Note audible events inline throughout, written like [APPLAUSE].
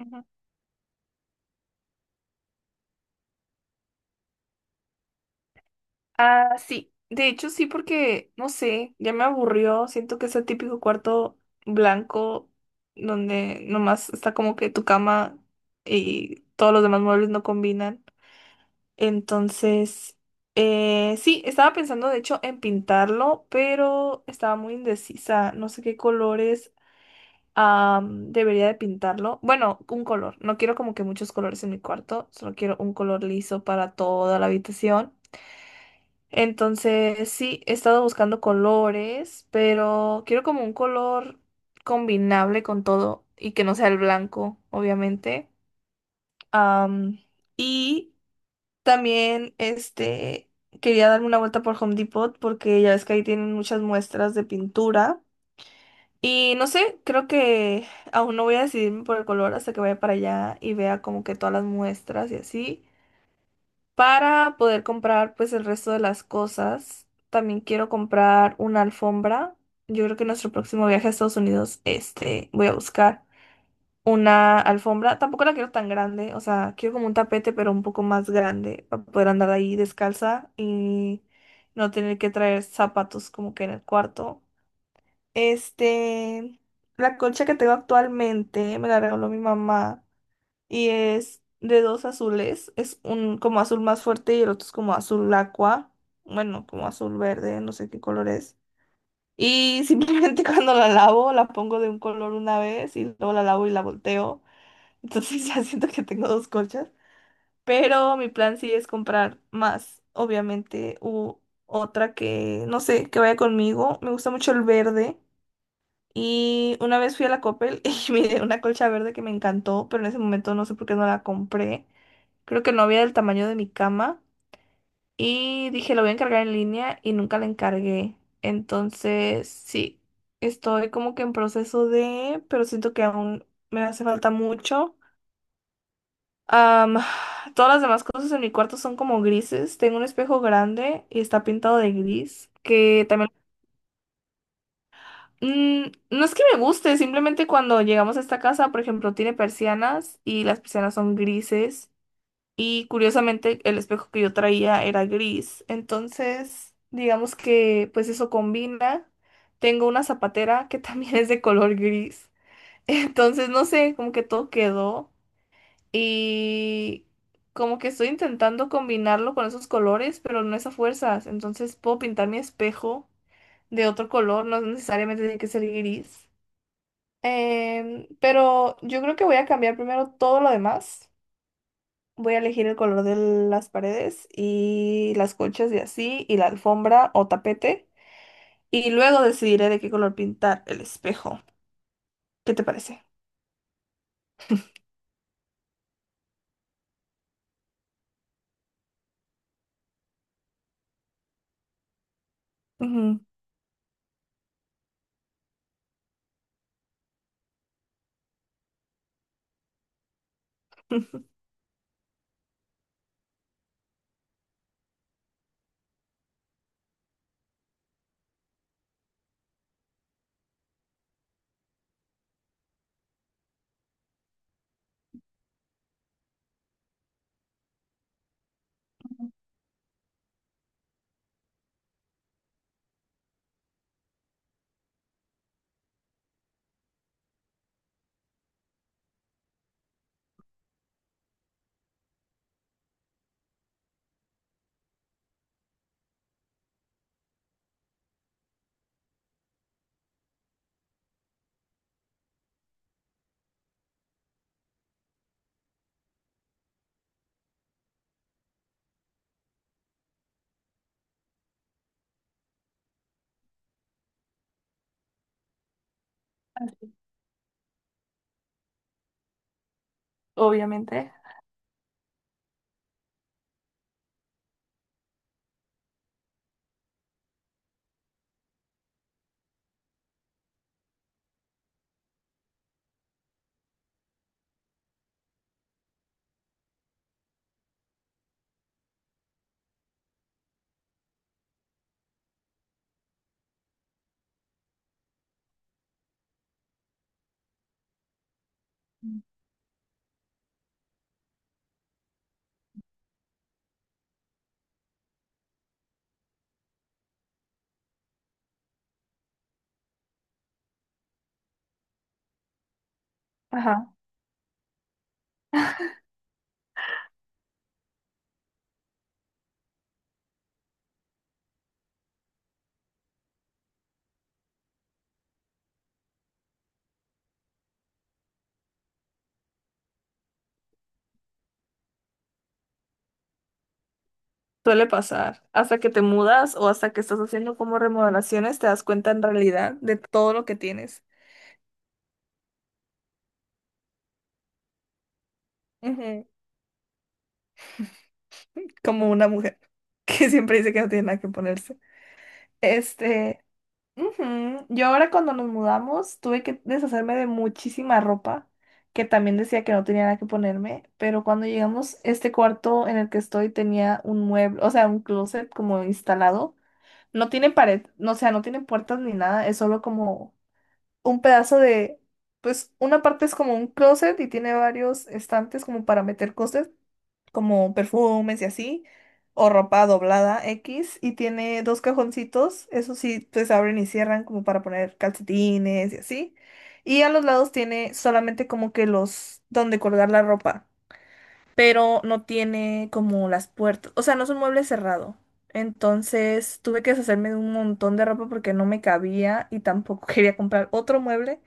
Ujú. Ah, sí. De hecho, sí, porque, no sé, ya me aburrió. Siento que es el típico cuarto blanco donde nomás está como que tu cama y todos los demás muebles no combinan. Entonces, sí, estaba pensando de hecho en pintarlo, pero estaba muy indecisa. No sé qué colores debería de pintarlo. Bueno, un color. No quiero como que muchos colores en mi cuarto, solo quiero un color liso para toda la habitación. Entonces, sí, he estado buscando colores, pero quiero como un color combinable con todo y que no sea el blanco, obviamente. Am, y también, este, quería darme una vuelta por Home Depot porque ya ves que ahí tienen muchas muestras de pintura. Y no sé, creo que aún no voy a decidirme por el color hasta que vaya para allá y vea como que todas las muestras y así para poder comprar pues el resto de las cosas. También quiero comprar una alfombra. Yo creo que nuestro próximo viaje a Estados Unidos, este, voy a buscar una alfombra. Tampoco la quiero tan grande, o sea, quiero como un tapete, pero un poco más grande para poder andar ahí descalza y no tener que traer zapatos como que en el cuarto. Este, la colcha que tengo actualmente me la regaló mi mamá y es de dos azules, es un como azul más fuerte y el otro es como azul aqua, bueno, como azul verde, no sé qué color es. Y simplemente [LAUGHS] cuando la lavo, la pongo de un color una vez y luego la lavo y la volteo. Entonces [LAUGHS] ya siento que tengo dos colchas. Pero mi plan sí es comprar más, obviamente, u otra que, no sé, que vaya conmigo. Me gusta mucho el verde. Y una vez fui a la Coppel [LAUGHS] y miré una colcha verde que me encantó, pero en ese momento no sé por qué no la compré. Creo que no había del tamaño de mi cama. Y dije, lo voy a encargar en línea y nunca la encargué. Entonces, sí, estoy como que en proceso de, pero siento que aún me hace falta mucho. Am, [SIGHS] todas las demás cosas en mi cuarto son como grises. Tengo un espejo grande y está pintado de gris, que también... Mm, no es que me guste, simplemente cuando llegamos a esta casa, por ejemplo, tiene persianas y las persianas son grises. Y curiosamente el espejo que yo traía era gris. Entonces, digamos que pues eso combina. Tengo una zapatera que también [LAUGHS] es de color gris. Entonces, no sé, como que todo quedó. Y como que estoy intentando combinarlo con esos colores, pero no es a fuerzas. Entonces puedo pintar mi espejo de otro color, no necesariamente tiene que ser gris. Pero yo creo que voy a cambiar primero todo lo demás. Voy a elegir el color de las paredes y las colchas y así, y la alfombra o tapete. Y luego decidiré de qué color pintar el espejo. ¿Qué te parece? Ujú. [LAUGHS] Obviamente. Ajá. Suele pasar. Hasta que te mudas o hasta que estás haciendo como remodelaciones, te das cuenta en realidad de todo lo que tienes. Ujú. Como una mujer [LAUGHS] que siempre dice que no tiene nada que ponerse. Este. Ujú. Yo ahora cuando nos mudamos tuve que deshacerme de muchísima ropa que también decía que no tenía nada que ponerme, pero cuando llegamos este cuarto en el que estoy tenía un mueble, o sea, un closet como instalado. No tiene pared, no, o sea, no tiene puertas ni nada, es solo como un pedazo de, pues una parte es como un closet y tiene varios estantes como para meter cosas, como perfumes y así, o ropa doblada X, y tiene dos cajoncitos, eso sí, pues abren y cierran como para poner calcetines y así. Y a los lados tiene solamente como que los, donde colgar la ropa, pero no tiene como las puertas, o sea, no es un mueble cerrado. Entonces tuve que deshacerme de un montón de ropa porque no me cabía y tampoco [LAUGHS] quería comprar otro mueble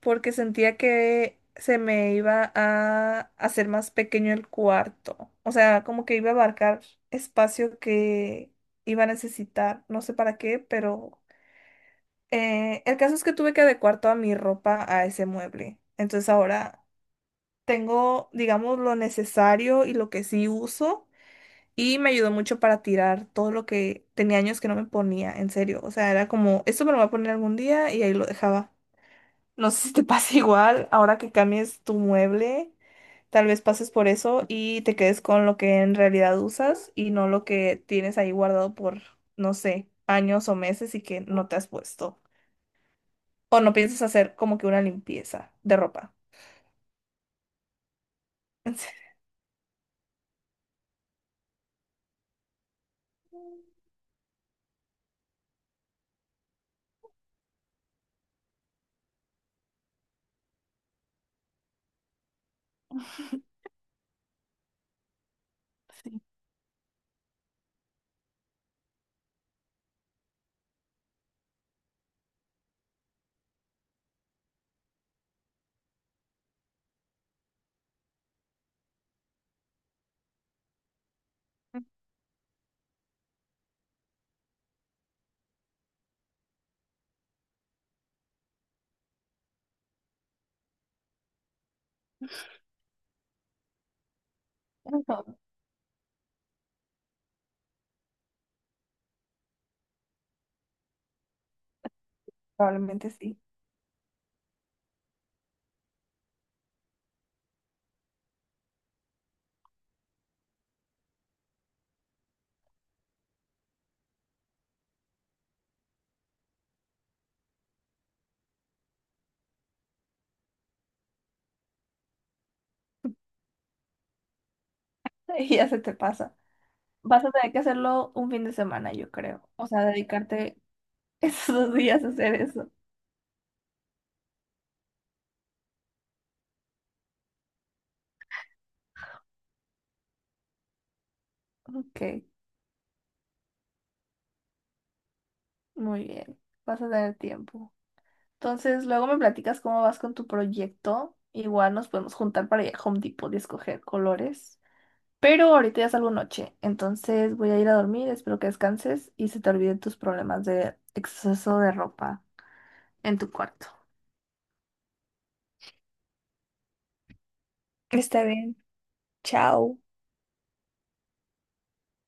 porque sentía que se me iba a hacer más pequeño el cuarto. O sea, como que iba a abarcar espacio que iba a necesitar, no sé para qué, pero el caso es que tuve que adecuar toda mi ropa a ese mueble. Entonces ahora tengo, digamos, lo necesario y lo que sí uso. Y me ayudó mucho para tirar todo lo que tenía años que no me ponía, en serio. O sea, era como, esto me lo voy a poner algún día y ahí lo dejaba. No sé si te [LAUGHS] pasa igual ahora que cambies tu mueble. Tal vez pases por eso y te quedes con lo que en realidad usas y no lo que tienes ahí guardado por, no sé, años o meses y que no te has puesto. O no piensas hacer como que una limpieza de ropa. [LAUGHS] En serio. Probablemente sí. [LAUGHS] Y ya se te pasa. Vas a tener que hacerlo un fin de semana, yo creo. O sea, dedicarte [LAUGHS] esos dos días a hacer eso. Ok, muy bien. Vas a tener tiempo. Entonces, luego me platicas cómo vas con tu proyecto. Igual nos podemos juntar para ir a Home Depot y escoger colores. Pero ahorita ya salgo noche, entonces voy a ir a dormir, espero que descanses y se te olviden tus problemas de exceso de ropa en tu cuarto. Está bien. Chao.